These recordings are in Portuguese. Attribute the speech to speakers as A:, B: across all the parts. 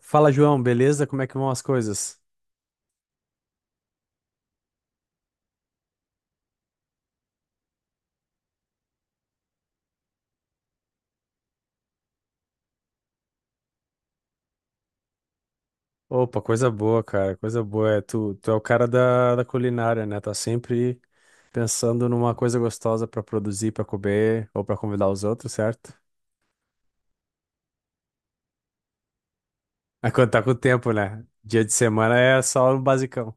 A: Fala, João, beleza? Como é que vão as coisas? Opa, coisa boa, cara, coisa boa. É, tu é o cara da culinária, né? Tá sempre pensando numa coisa gostosa pra produzir, pra comer ou pra convidar os outros, certo? É quando tá com o tempo, né? Dia de semana é só o basicão.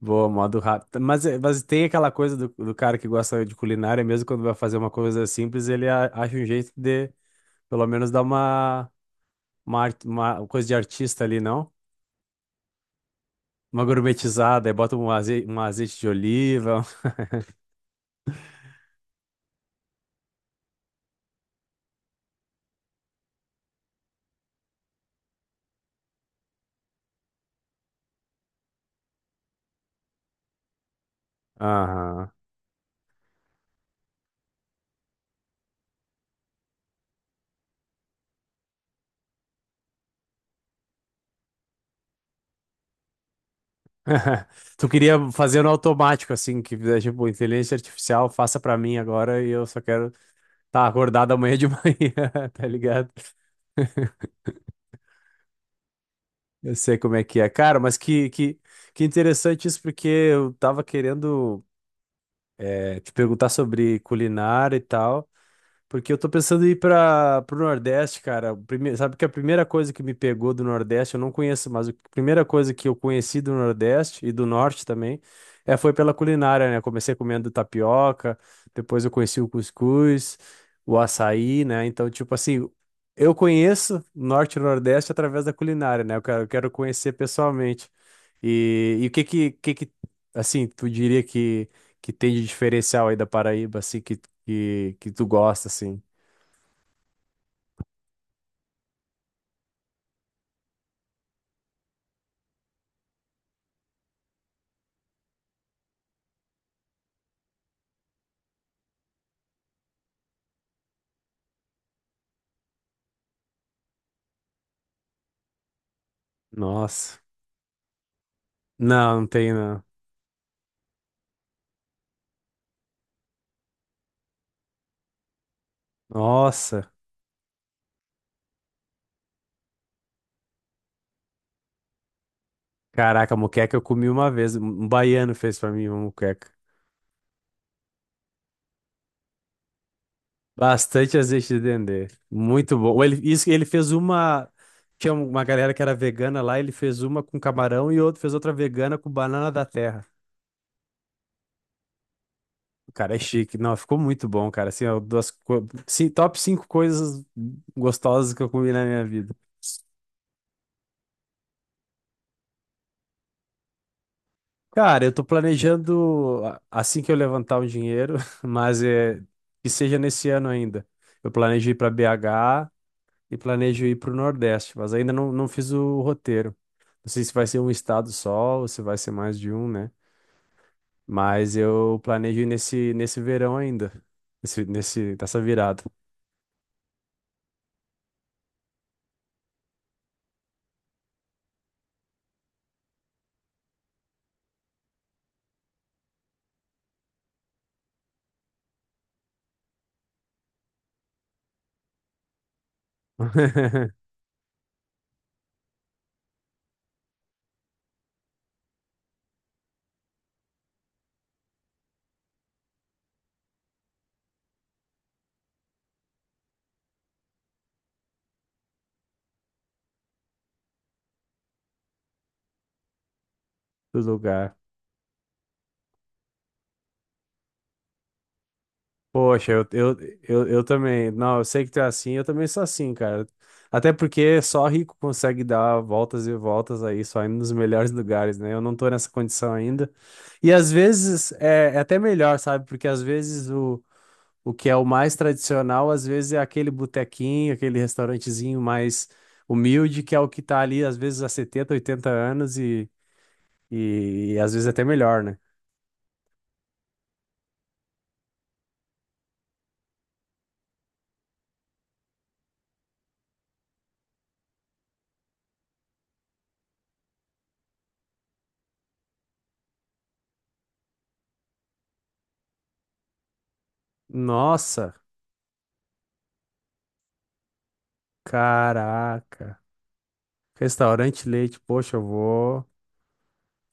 A: Boa, modo rápido. Mas tem aquela coisa do cara que gosta de culinária, mesmo quando vai fazer uma coisa simples, ele acha um jeito de, pelo menos, dar uma coisa de artista ali, não? Uma gourmetizada, aí bota um azeite de oliva. Aham. Tu queria fazer no automático, assim, que fizesse, tipo, inteligência artificial, faça pra mim agora e eu só quero estar tá acordado amanhã de manhã, tá ligado? Eu sei como é que é. Cara, mas que interessante isso, porque eu tava querendo te perguntar sobre culinária e tal. Porque eu tô pensando em ir para pro Nordeste, cara. Sabe que a primeira coisa que me pegou do Nordeste, eu não conheço, mas a primeira coisa que eu conheci do Nordeste e do Norte também, foi pela culinária, né? Comecei comendo tapioca, depois eu conheci o cuscuz, o açaí, né? Então, tipo assim, eu conheço Norte e Nordeste através da culinária, né? Eu quero conhecer pessoalmente. E o que que assim, tu diria que tem de diferencial aí da Paraíba, assim, que tu gosta, assim? Nossa. Não, não tem, não. Nossa. Caraca, moqueca eu comi uma vez. Um baiano fez pra mim uma moqueca. Bastante azeite de dendê. Muito bom. Ele, isso, ele fez uma. Tinha uma galera que era vegana lá, ele fez uma com camarão e outro fez outra vegana com banana da terra. Cara, é chique. Não, ficou muito bom, cara. Assim, ó, top 5 coisas gostosas que eu comi na minha vida. Cara, eu tô planejando assim que eu levantar o dinheiro, mas é que seja nesse ano ainda. Eu planejo ir para BH e planejo ir para o Nordeste, mas ainda não, não fiz o roteiro. Não sei se vai ser um estado só ou se vai ser mais de um, né? Mas eu planejo ir nesse verão ainda, nessa virada do lugar. Poxa, eu também. Não, eu sei que tu é assim, eu também sou assim, cara. Até porque só rico consegue dar voltas e voltas aí, só indo nos melhores lugares, né? Eu não tô nessa condição ainda. E às vezes é até melhor, sabe? Porque às vezes o que é o mais tradicional, às vezes é aquele botequinho, aquele restaurantezinho mais humilde, que é o que tá ali, às vezes, há 70, 80 anos e às vezes até melhor, né? Nossa, caraca. Restaurante Leite, poxa, eu vou,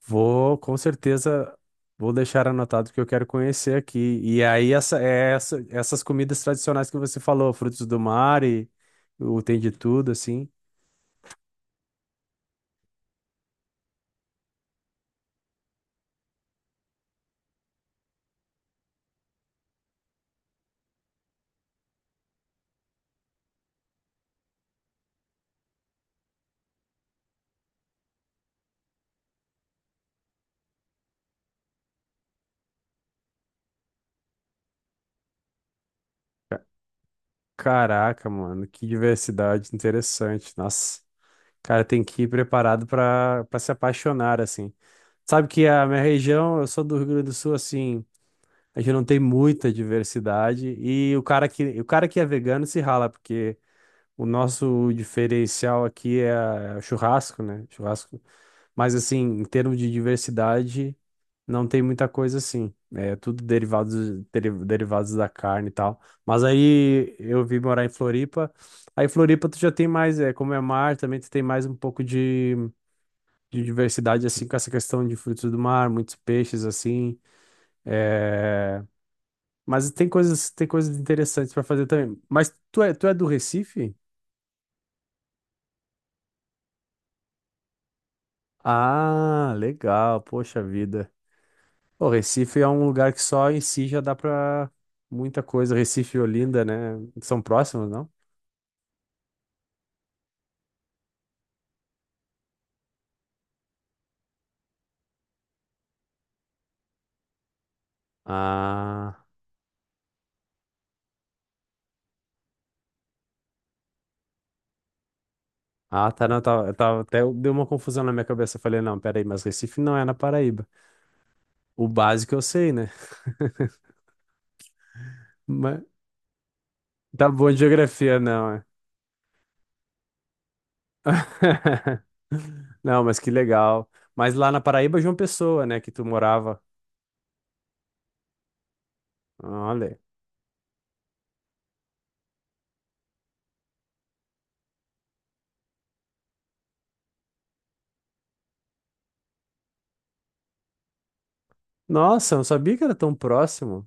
A: vou, com certeza, vou deixar anotado que eu quero conhecer aqui. E aí, essas comidas tradicionais que você falou, frutos do mar e o tem de tudo, assim. Ca- Caraca, mano, que diversidade interessante. Nossa, cara, tem que ir preparado para se apaixonar, assim. Sabe que a minha região, eu sou do Rio Grande do Sul, assim, a gente não tem muita diversidade. E o cara que é vegano se rala, porque. O nosso diferencial aqui é o churrasco, né? Churrasco. Mas assim, em termos de diversidade, não tem muita coisa assim. É tudo derivados, derivados da carne e tal. Mas aí eu vim morar em Floripa. Aí Floripa tu já tem mais, é, como é mar, também tu tem mais um pouco de diversidade, assim, com essa questão de frutos do mar, muitos peixes, assim. É... Mas tem coisas interessantes para fazer também. Mas tu é do Recife? Ah, legal, poxa vida. O Recife é um lugar que só em si já dá pra muita coisa. Recife e Olinda, né? São próximos, não? Ah, ah, tá, não, tá. Eu tava até deu uma confusão na minha cabeça. Eu falei, não, peraí, mas Recife não é na Paraíba. O básico eu sei, né? Mas tá bom de geografia, não, é? Não, mas que legal. Mas lá na Paraíba, João Pessoa, né, que tu morava. Olha. Nossa, eu não sabia que era tão próximo.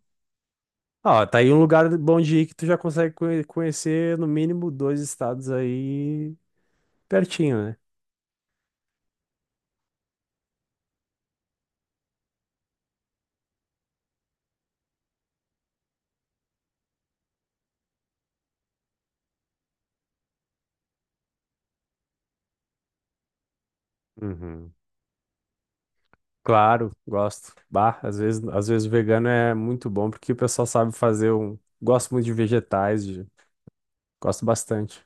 A: Ó, tá aí um lugar bom de ir que tu já consegue conhecer no mínimo dois estados aí pertinho, né? Uhum. Claro, gosto. Bah, às vezes o vegano é muito bom porque o pessoal sabe fazer um. Gosto muito de vegetais, gosto bastante.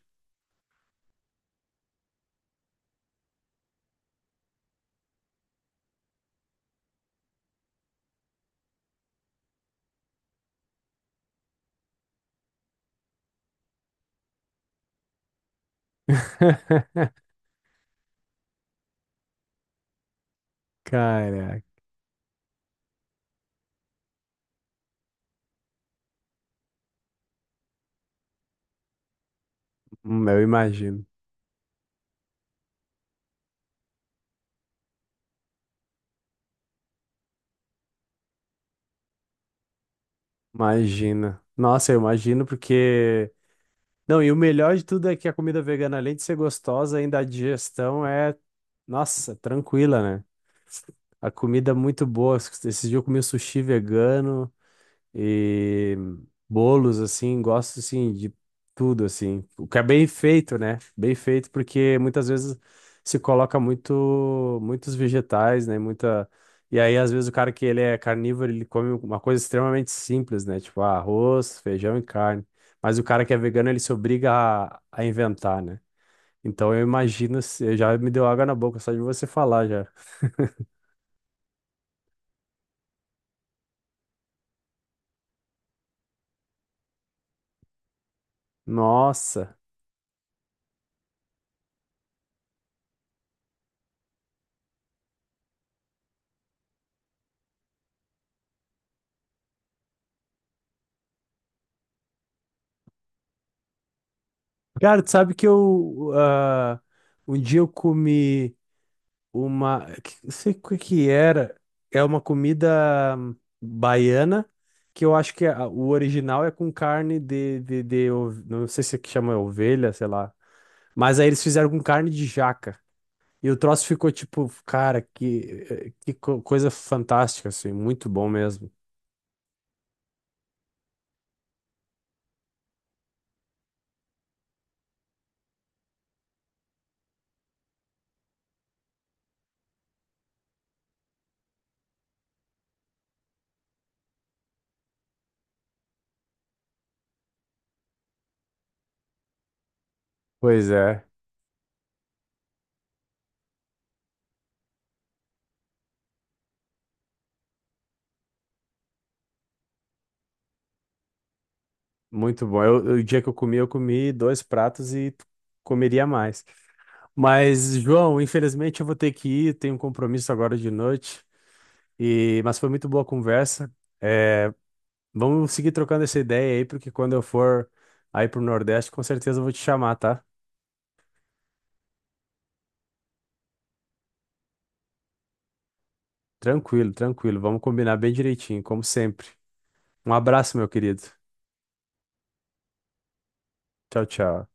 A: Caraca, eu imagino. Imagina. Nossa, eu imagino porque Não, e o melhor de tudo é que a comida vegana, além de ser gostosa, ainda a digestão é, nossa, tranquila, né? A comida é muito boa. Esse dia eu comi um sushi vegano e bolos, assim, gosto, assim, de tudo, assim. O que é bem feito, né? Bem feito, porque muitas vezes se coloca muito, muitos vegetais, né? Muita. E aí, às vezes, o cara que ele é carnívoro, ele come uma coisa extremamente simples, né? Tipo, arroz, feijão e carne. Mas o cara que é vegano, ele se obriga a inventar, né? Então eu imagino, já me deu água na boca só de você falar já. Nossa. Cara, tu sabe que um dia eu comi Não sei o que que era. É uma comida baiana, que eu acho que o original é com carne. Não sei se é que chama ovelha, sei lá. Mas aí eles fizeram com carne de jaca. E o troço ficou tipo, cara, que coisa fantástica, assim. Muito bom mesmo. Pois é, muito bom. O dia que eu comi dois pratos e comeria mais. Mas, João, infelizmente eu vou ter que ir, tenho um compromisso agora de noite. Mas foi muito boa a conversa. É, vamos seguir trocando essa ideia aí, porque quando eu for aí pro Nordeste, com certeza eu vou te chamar, tá? Tranquilo, tranquilo. Vamos combinar bem direitinho, como sempre. Um abraço, meu querido. Tchau, tchau.